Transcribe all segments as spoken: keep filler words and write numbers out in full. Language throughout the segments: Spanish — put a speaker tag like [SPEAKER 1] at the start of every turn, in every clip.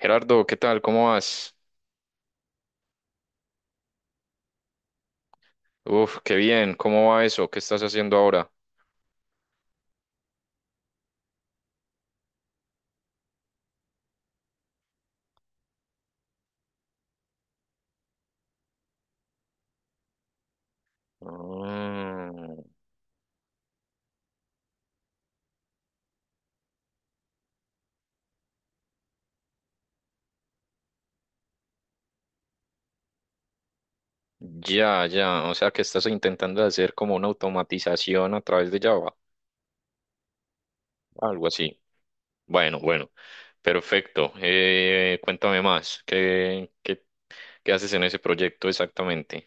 [SPEAKER 1] Gerardo, ¿qué tal? ¿Cómo vas? Uf, qué bien. ¿Cómo va eso? ¿Qué estás haciendo ahora? Mm, ya, ya. O sea, que estás intentando hacer como una automatización a través de Java, algo así. Bueno, bueno. Perfecto. Eh, cuéntame más. ¿Qué, qué, qué haces en ese proyecto exactamente?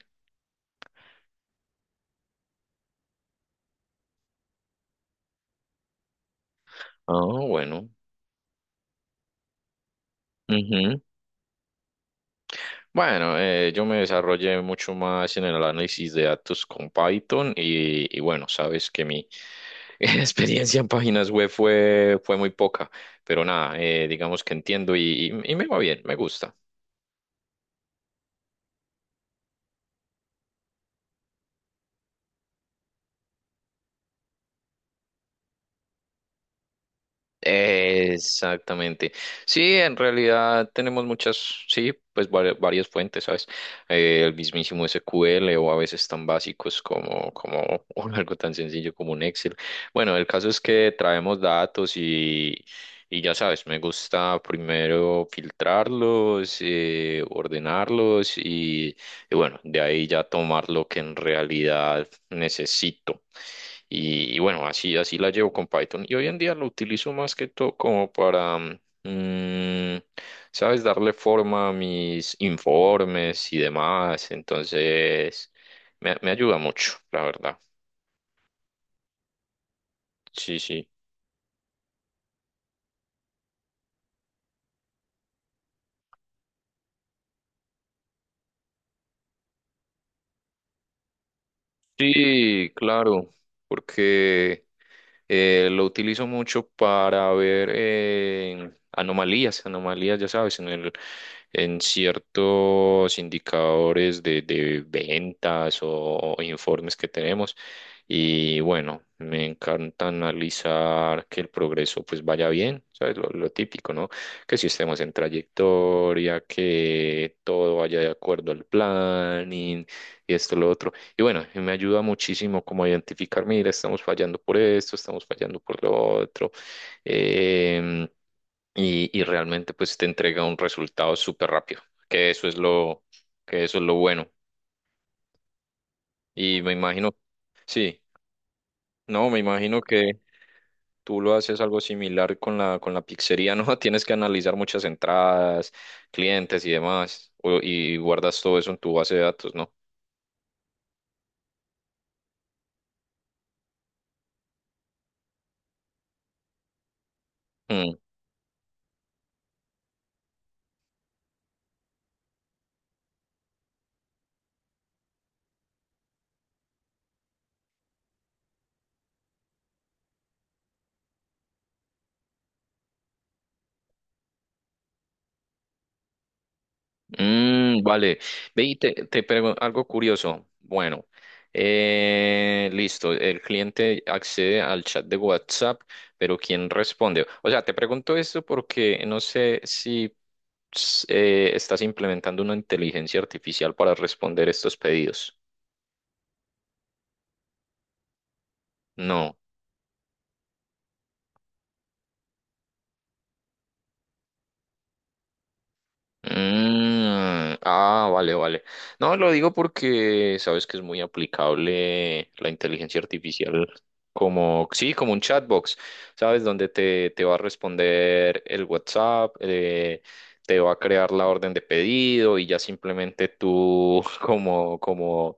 [SPEAKER 1] Ah, bueno. Bueno, eh, yo me desarrollé mucho más en el análisis de datos con Python y, y bueno, sabes que mi experiencia en páginas web fue, fue muy poca, pero nada, eh, digamos que entiendo y, y- y me va bien, me gusta. Exactamente. Sí, en realidad tenemos muchas, sí, pues vari- varias fuentes, ¿sabes? Eh, el mismísimo S Q L o a veces tan básicos como, como o algo tan sencillo como un Excel. Bueno, el caso es que traemos datos y, y ya sabes, me gusta primero filtrarlos, eh, ordenarlos y, y bueno, de ahí ya tomar lo que en realidad necesito. Y, y bueno, así, así la llevo con Python. Y hoy en día lo utilizo más que todo como para, mm, mm, ¿sabes? Darle forma a mis informes y demás. Entonces, me, me ayuda mucho, la verdad. Sí, sí. Sí, claro, porque Eh, lo utilizo mucho para ver eh, anomalías, anomalías, ya sabes, en el, en ciertos indicadores de, de ventas o informes que tenemos. Y bueno, me encanta analizar que el progreso pues vaya bien, ¿sabes? Lo, lo típico, ¿no? Que si estemos en trayectoria, que todo vaya de acuerdo al planning y esto, lo otro. Y bueno, y me ayuda muchísimo como a identificar, mira, estamos fallando por esto, estamos fallando por lo otro. em, y, y realmente pues te entrega un resultado súper rápido, que eso es lo, que eso es lo bueno. Y me imagino, sí, no, me imagino que tú lo haces algo similar con la, con la pizzería, ¿no? Tienes que analizar muchas entradas, clientes y demás, o- y guardas todo eso en tu base de datos, ¿no? Mm. Mm, vale. Ve y te, te pregunto algo curioso. Bueno, eh, listo. El cliente accede al chat de WhatsApp, pero ¿quién responde? O sea, te pregunto esto porque no sé si s- eh, estás implementando una inteligencia artificial para responder estos pedidos. No. Mm, ah, vale, vale. No, lo digo porque sabes que es muy aplicable la inteligencia artificial como, sí, como un chatbox, ¿sabes? Donde te, te va a responder el WhatsApp, eh, te va a crear la orden de pedido y ya simplemente tú como, como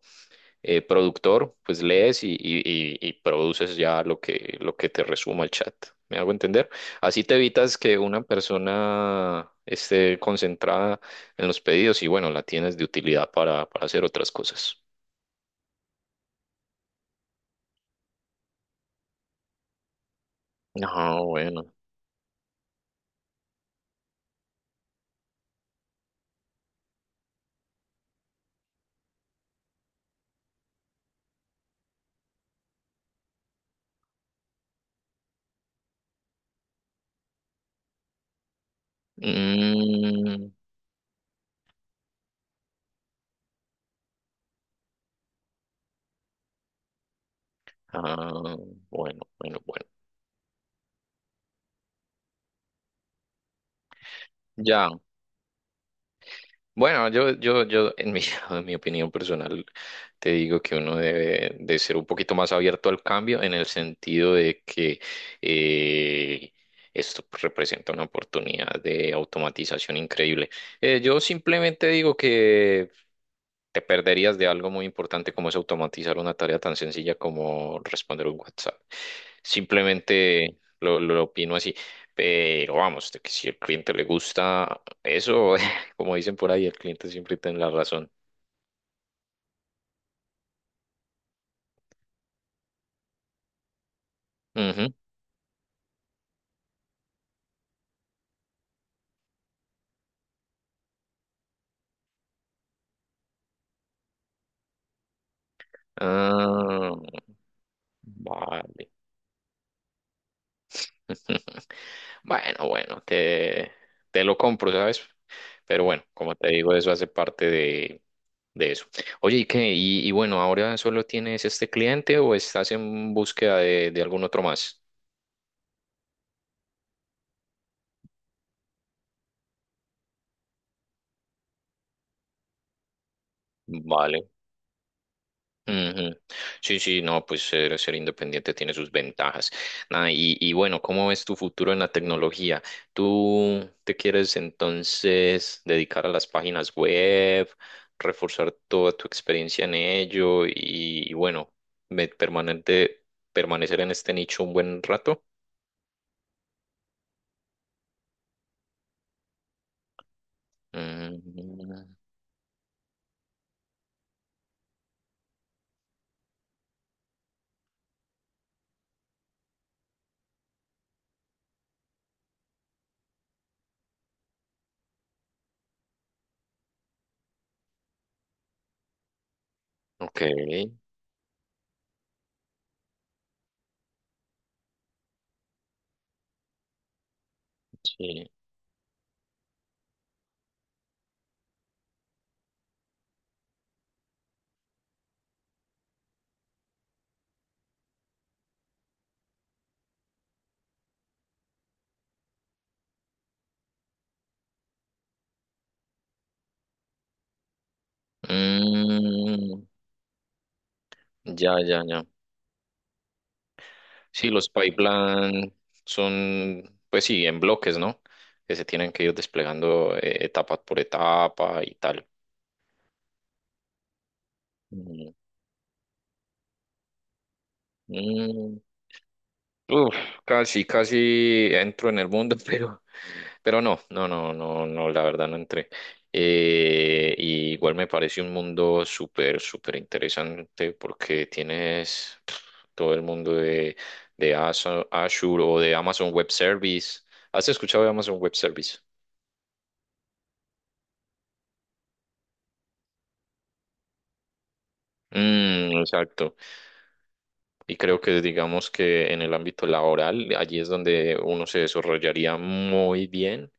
[SPEAKER 1] eh, productor, pues lees y, y- y- y produces ya lo que, lo que te resuma el chat. ¿Me hago entender? Así te evitas que una persona esté concentrada en los pedidos y bueno, la tienes de utilidad para, para hacer otras cosas. Ah, bueno. Mm, ah, bueno, bueno, bueno. Ya. Bueno, yo, yo, yo, en mi, en mi opinión personal, te digo que uno debe de ser un poquito más abierto al cambio en el sentido de que eh, esto representa una oportunidad de automatización increíble. Eh, yo simplemente digo que te perderías de algo muy importante como es automatizar una tarea tan sencilla como responder un WhatsApp. Simplemente lo, lo opino así. Pero vamos, de que si al cliente le gusta eso, como dicen por ahí, el cliente siempre tiene la razón. Ujú. Ah, vale. Bueno, bueno, te, te lo compro, ¿sabes? Pero bueno, como te digo, eso hace parte de, de eso. Oye, ¿y qué? Y, y bueno, ¿ahora solo tienes este cliente o estás en búsqueda de, de algún otro más? Vale. Ujú. Sí, sí, no, pues ser, ser independiente tiene sus ventajas. Nada, y, y bueno, ¿cómo ves tu futuro en la tecnología? ¿Tú te quieres entonces dedicar a las páginas web, reforzar toda tu experiencia en ello y, y bueno, me- permanente, permanecer en este nicho un buen rato? Mm, ok, sí. Mm, ya, ya, ya. Sí, los pipeline son, pues sí, en bloques, ¿no? Que se tienen que ir desplegando eh, etapa por etapa y tal. Mm, mm, uf, casi, casi entro en el mundo, pero, pero no, no, no, no, no, la verdad no entré. Eh, y igual me parece un mundo súper, súper interesante porque tienes todo el mundo de, de Azu- Azure o de Amazon Web Service. ¿Has escuchado de Amazon Web Service? Mm, exacto. Y creo que digamos que en el ámbito laboral, allí es donde uno se desarrollaría muy bien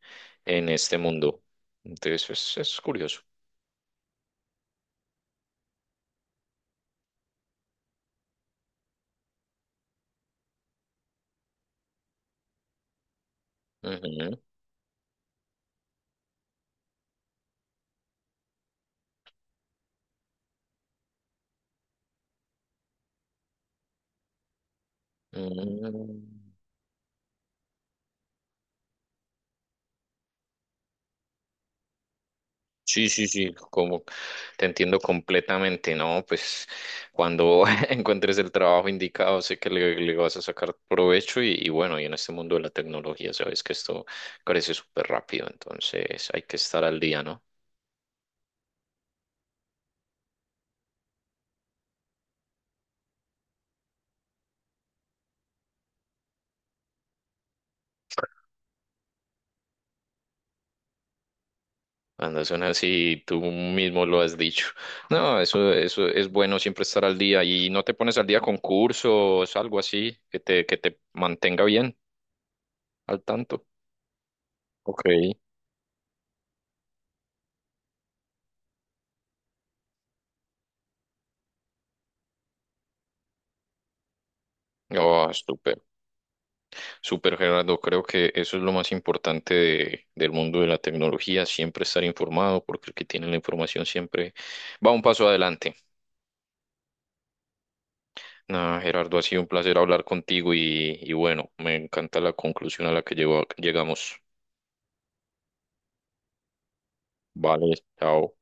[SPEAKER 1] en este mundo. Entonces es, es curioso. Ujú. Mm. Sí, sí, sí, como te entiendo completamente, ¿no? Pues cuando encuentres el trabajo indicado, sé que le, le vas a sacar provecho y, y bueno, y en este mundo de la tecnología, sabes que esto crece súper rápido, entonces hay que estar al día, ¿no? Cuando son así, tú mismo lo has dicho. No, eso, eso es bueno siempre estar al día y no te pones al día con cursos, algo así, que te, que te mantenga bien al tanto. Ok. Oh, súper, súper Gerardo. Creo que eso es lo más importante de- del mundo de la tecnología, siempre estar informado, porque el que tiene la información siempre va un paso adelante. Nada, Gerardo, ha sido un placer hablar contigo y, y bueno, me encanta la conclusión a la que llegó- llegamos. Vale, chao.